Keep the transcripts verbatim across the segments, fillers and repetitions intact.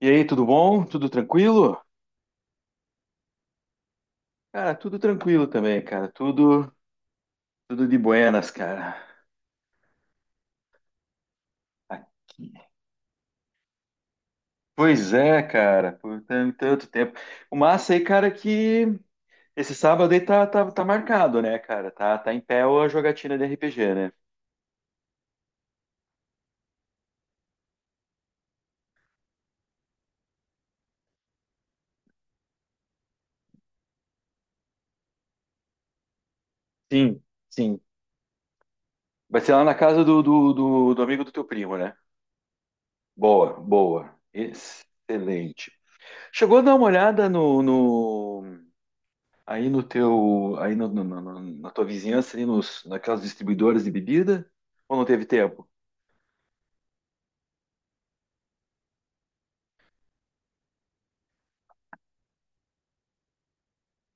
E aí, tudo bom? Tudo tranquilo? Cara, tudo tranquilo também, cara. Tudo, tudo de buenas, cara. Aqui. Pois é, cara, por tan- tanto tempo. O massa aí, cara, é que esse sábado aí tá, tá, tá marcado, né, cara? Tá, tá em pé a jogatina de R P G, né? Sim, sim. Vai ser lá na casa do, do, do, do amigo do teu primo, né? Boa, boa. Excelente. Chegou a dar uma olhada no, no, Aí no teu, aí no, no- no- na tua vizinhança, ali nos, naquelas distribuidoras de bebida, ou não teve tempo?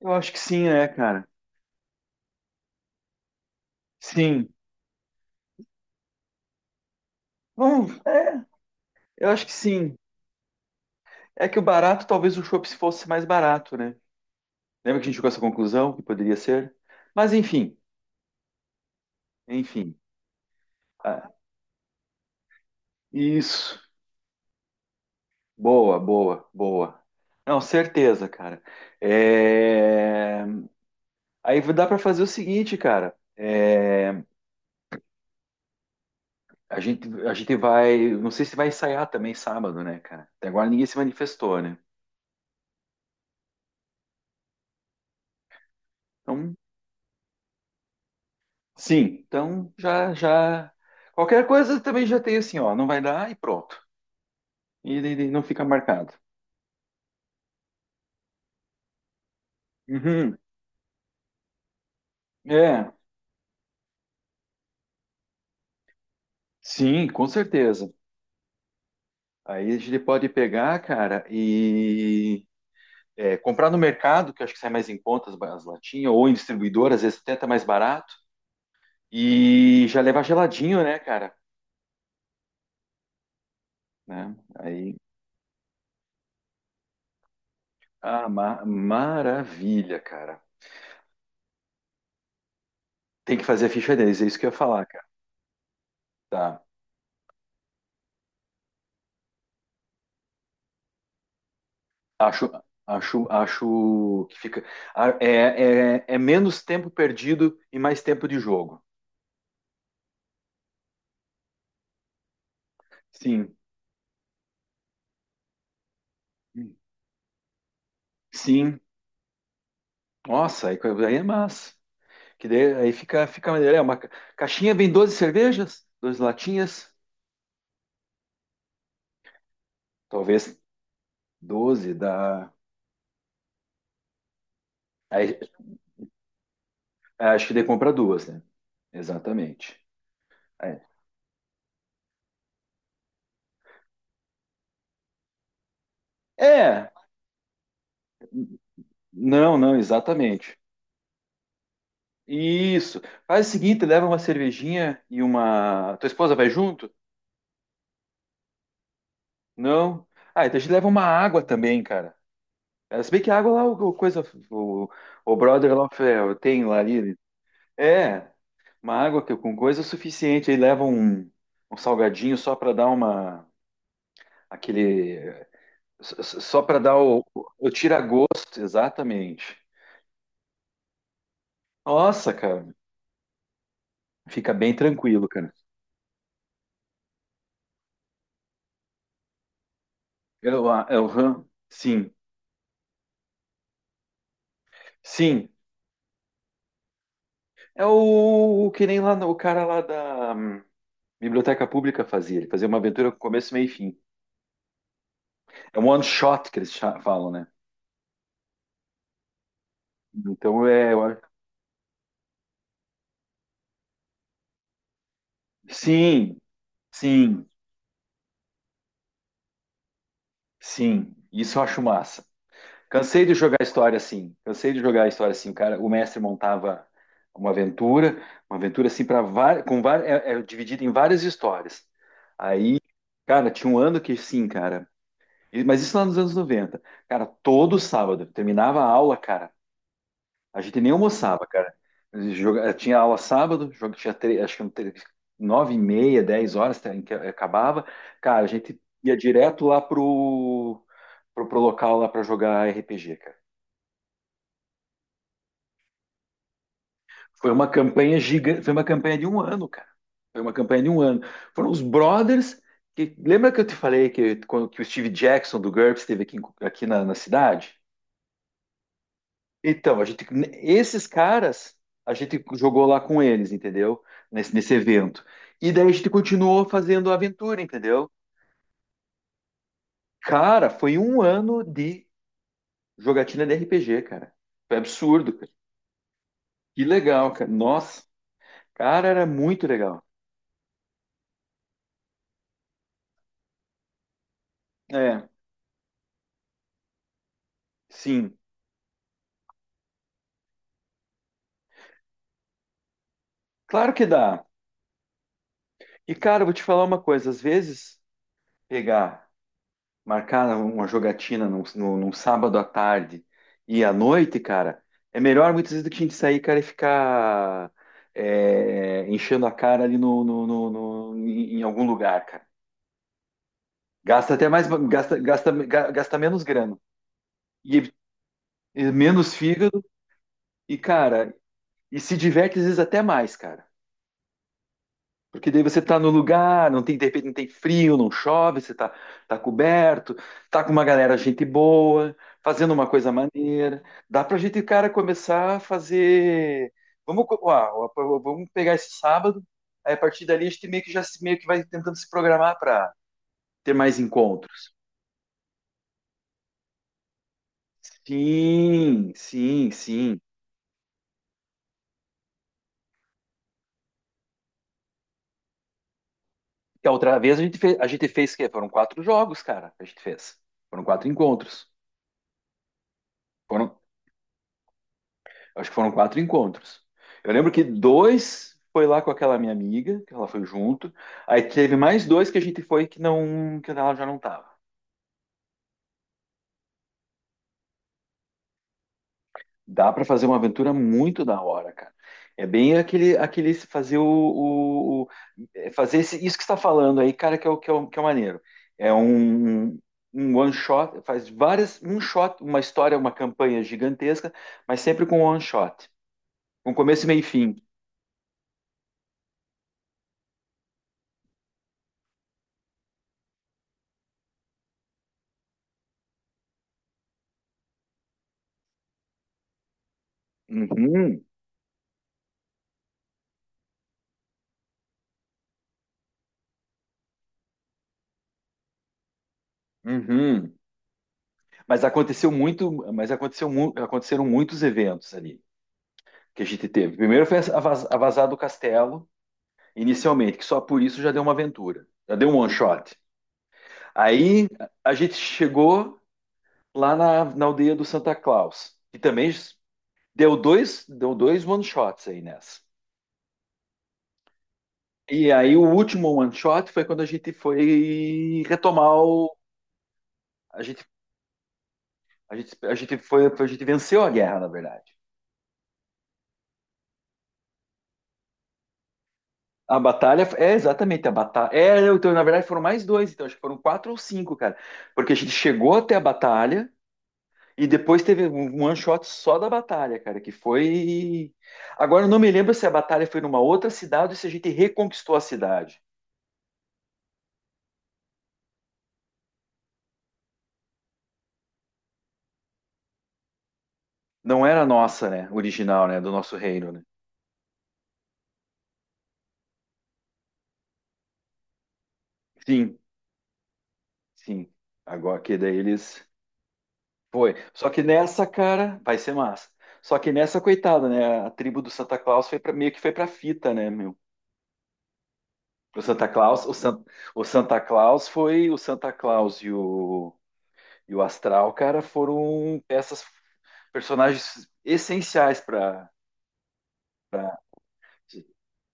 Eu acho que sim, é, cara. Sim. Bom, eu acho que sim. É que o barato, talvez o chopp se fosse mais barato, né? Lembra que a gente chegou a essa conclusão que poderia ser? Mas enfim, enfim. Ah, isso. Boa, boa, boa. Não, certeza, cara. É... Aí dá para fazer o seguinte, cara. É... A gente, a gente vai. Não sei se vai ensaiar também sábado, né, cara? Até agora ninguém se manifestou, né? Então, sim. Então, já, já. Qualquer coisa também já tem assim, ó. Não vai dar e pronto. E, e- e não fica marcado. Uhum. É, sim, com certeza. Aí a gente pode pegar, cara, e é, comprar no mercado, que eu acho que sai mais em contas as ba- as latinhas, ou em distribuidor, às vezes até tá mais barato, e já levar geladinho, né, cara? Né? Aí Ah, ma- maravilha, cara. Tem que fazer a ficha deles, é isso que eu ia falar, cara. Tá. Acho, acho, acho que fica. ah, É, é, é menos tempo perdido e mais tempo de jogo. Sim. Sim. Nossa, aí, aí é massa. Que daí, aí fica, fica maneiro. É uma ca- caixinha vem doze cervejas, doze latinhas, talvez doze dá. Aí, acho que daí compra duas, né? Exatamente. É. É, não, não, exatamente. Isso. Faz o seguinte, leva uma cervejinha e uma. Tua esposa vai junto? Não. Ah, então a gente leva uma água também, cara. É, se bem que a água lá, o, o coisa, o, o brother lá é, tem lá ali. É, uma água que- com coisa é suficiente. Aí leva um, um salgadinho só para dar uma. Aquele. s- s- Só para dar o, o tira-gosto, exatamente. Nossa, cara. Fica bem tranquilo, cara. Eu, ah, eu, sim, sim. É o, o que nem lá no- o cara lá da hum, Biblioteca Pública fazia. Ele fazia uma aventura com começo, meio e fim. É um one shot que eles cha- falam, né? Então é. eu acho- Sim, sim, sim. Isso eu acho massa. Cansei de jogar história assim. Cansei de jogar história assim. O cara, o mestre montava uma aventura, uma aventura assim para várias, com várias, é, é dividida em várias histórias. Aí, cara, tinha um ano que sim, cara. E- Mas isso lá nos anos noventa. Cara, todo sábado terminava a aula, cara. A gente nem almoçava, cara. Joga- eh, Tinha aula sábado, jogo tinha tre- acho que um tre- nove e meia, dez horas tá, em que eh, acabava. Cara, a gente ia direto lá pro, pro, pro local lá para jogar R P G, cara. Foi uma campanha gigante, foi uma campanha de um ano, cara. Foi uma campanha de um ano. Foram os brothers que lembra que eu te falei que quando que o Steve Jackson do GURPS esteve aqui, em- aqui na, na cidade? Então, a gente, esses caras, a gente jogou lá com eles, entendeu? Nesse, nesse evento. E daí a gente continuou fazendo a aventura, entendeu? Cara, foi um ano de jogatina de R P G, cara. Foi absurdo, cara. Que legal, cara. Nossa, cara, era muito legal. É, sim. Claro que dá. E, cara, eu vou te falar uma coisa. Às vezes, pegar marcar uma jogatina num, num- num sábado à tarde e à noite, cara, é melhor muitas vezes do que a gente sair, cara, e ficar é, enchendo a cara ali no, no- no- no- em em algum lugar, cara. Gasta até mais, gasta, gasta, ga- gasta menos grana e, e menos fígado e, cara, e se diverte às vezes até mais, cara. Porque daí você está no lugar, não tem, de repente não tem frio, não chove, você está tá coberto, tá com uma galera, gente boa, fazendo uma coisa maneira. Dá pra gente, cara, começar a fazer. Vamos, co- ó, ó, vamos pegar esse sábado, aí a partir dali a gente meio que já se- meio que vai tentando se programar para ter mais encontros. Sim, sim, sim. E a outra vez a gente fez, a gente fez que foram quatro jogos, cara, que a gente fez. Foram quatro encontros. Foram, Acho que foram quatro encontros. Eu lembro que dois foi lá com aquela minha amiga, que ela foi junto. Aí teve mais dois que a gente foi que não, que ela já não tava. Dá para fazer uma aventura muito da hora, cara. É bem aquele, aquele fazer o, o- o- é fazer esse- isso que você está falando aí, cara, que é o que é, o, que é o maneiro. É um, um um one shot, faz várias um shot, uma história, uma campanha gigantesca, mas sempre com one shot, com começo, meio e fim. Uhum, uhum. Mas aconteceu muito, mas aconteceu, mu- aconteceram muitos eventos ali que a gente teve. Primeiro foi a, vaz- a vazada do castelo, inicialmente, que só por isso já deu uma aventura, já deu um one shot. Aí a gente chegou lá na, na aldeia do Santa Claus, que também deu dois, deu dois one shots aí nessa. E aí o último one shot foi quando a gente foi retomar o, a gente, a gente, a gente foi, a gente venceu a guerra, na verdade. A batalha é exatamente a batalha. É, então, na verdade, foram mais dois, então acho que foram quatro ou cinco, cara. Porque a gente chegou até a batalha e depois teve um um one shot só da batalha, cara, que foi. Agora eu não me lembro se a batalha foi numa outra cidade ou se a gente reconquistou a cidade. Não era nossa, né? Original, né? Do nosso reino, né? Sim, sim. Agora que daí eles. Foi. Só que nessa, cara, vai ser massa. Só que nessa, coitada, né? A tribo do Santa Claus foi pra... meio que foi pra fita, né, meu? O Santa Claus, o, San, o Santa Claus foi o Santa Claus e o, e o Astral, cara, foram peças, personagens essenciais para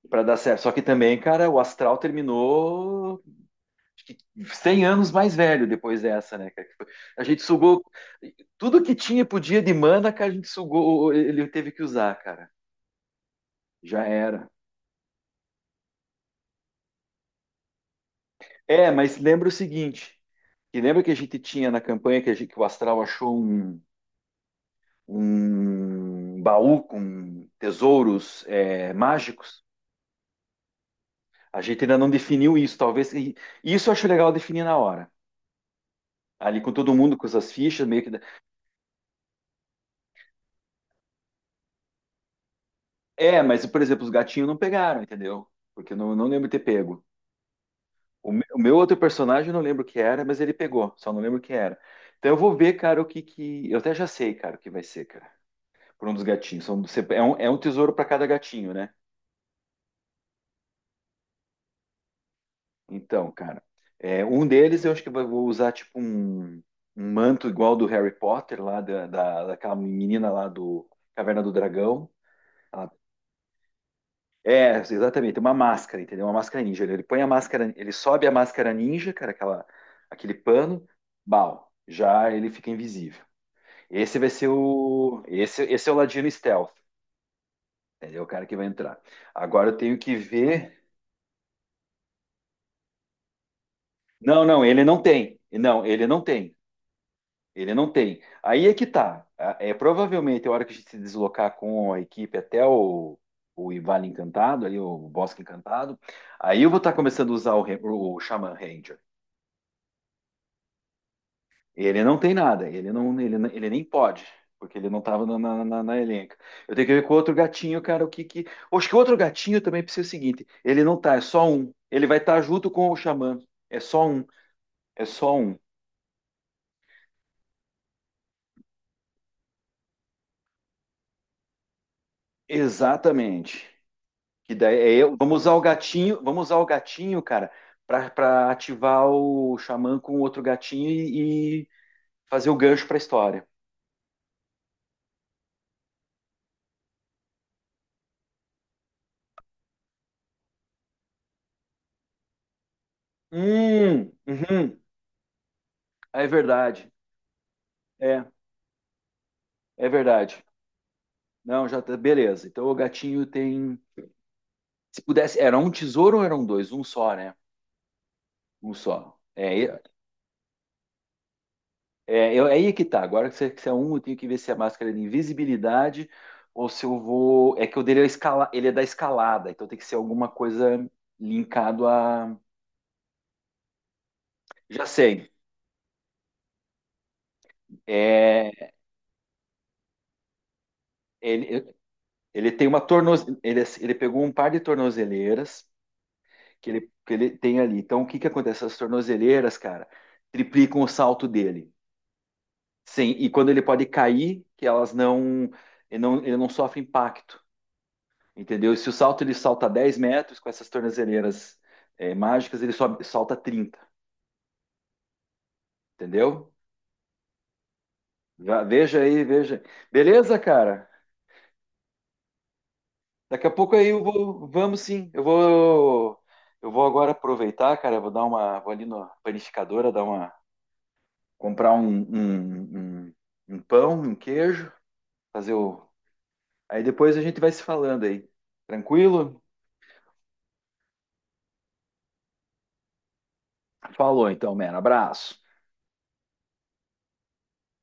para dar certo. Só que também, cara, o Astral terminou acho que cem anos mais velho depois dessa, né, cara? Tipo, a gente sugou tudo que tinha podia de mana, cara, a gente sugou, ele teve que usar, cara. Já era. É, mas lembra o seguinte, que lembra que a gente tinha na campanha que, a gente- que o Astral achou um um baú com tesouros é, mágicos. A gente ainda não definiu isso, talvez. E isso eu acho legal definir na hora. Ali com todo mundo, com essas fichas, meio que. É, mas, por exemplo, os gatinhos não pegaram, entendeu? Porque eu não, não lembro de ter pego. O me- o meu outro personagem eu não lembro o que era, mas ele pegou, só não lembro o que era. Então eu vou ver, cara, o que que. Eu até já sei, cara, o que vai ser, cara. Por um dos gatinhos. São- você- É um, é um tesouro para cada gatinho, né? Então, cara, é, um deles eu acho que eu vou usar tipo um, um manto igual do Harry Potter, lá da, da, daquela menina lá do Caverna do Dragão. Ela- é, exatamente, uma máscara, entendeu? Uma máscara ninja. Ele, ele põe a máscara, ele sobe a máscara ninja, cara, aquela, aquele pano, bal, já ele fica invisível. Esse vai ser o. Esse, esse é o Ladino Stealth, entendeu? O cara que vai entrar. Agora eu tenho que ver. Não, não, ele não tem. Não, ele não tem. Ele não tem. Aí é que tá. A- É provavelmente a hora que a gente se deslocar com a equipe até o, o Vale Encantado, ali o Bosque Encantado, aí eu vou estar começando a usar o, re- o Shaman Ranger. Ele não tem nada, ele não, ele, n- ele nem pode, porque ele não estava na, na, na- na elenca. Eu tenho que ver com o outro gatinho, cara, o que que. Acho que o outro gatinho também precisa ser o seguinte: ele não tá, é só um. Ele vai estar junto com o Xamã. É só um, é só um. Exatamente. Que daí é eu- vamos usar o gatinho, vamos usar o gatinho, cara, pra pra ativar o xamã com outro gatinho e, e fazer o gancho pra história. Hum, uhum, é verdade. É, é verdade. Não, já tá, beleza. Então o gatinho tem, se pudesse, era um tesouro ou eram dois? Um só, né? Um só. É, É, eu, aí é que tá. Agora que você, que você é um, eu tenho que ver se a máscara é de invisibilidade ou se eu vou. É que o dele é, escala... ele é da escalada, então tem que ser alguma coisa linkado a. Já sei. É, ele, ele tem uma tornoz ele, ele pegou um par de tornozeleiras que ele, que ele tem ali. Então o que que acontece? As tornozeleiras, cara, triplicam o salto dele. Sim, e quando ele pode cair, que elas não. Ele não, ele não sofre impacto. Entendeu? E se o salto ele salta dez metros com essas tornozeleiras é, mágicas, ele sobe, salta trinta. Entendeu? Já- veja aí, veja. Beleza, cara? Daqui a pouco aí eu vou, vamos sim. Eu vou, eu vou agora aproveitar, cara, eu vou dar uma, vou ali na panificadora, dar uma, comprar um, um, um, um pão, um queijo, fazer o. Aí depois a gente vai se falando aí. Tranquilo? Falou então, mano. Abraço.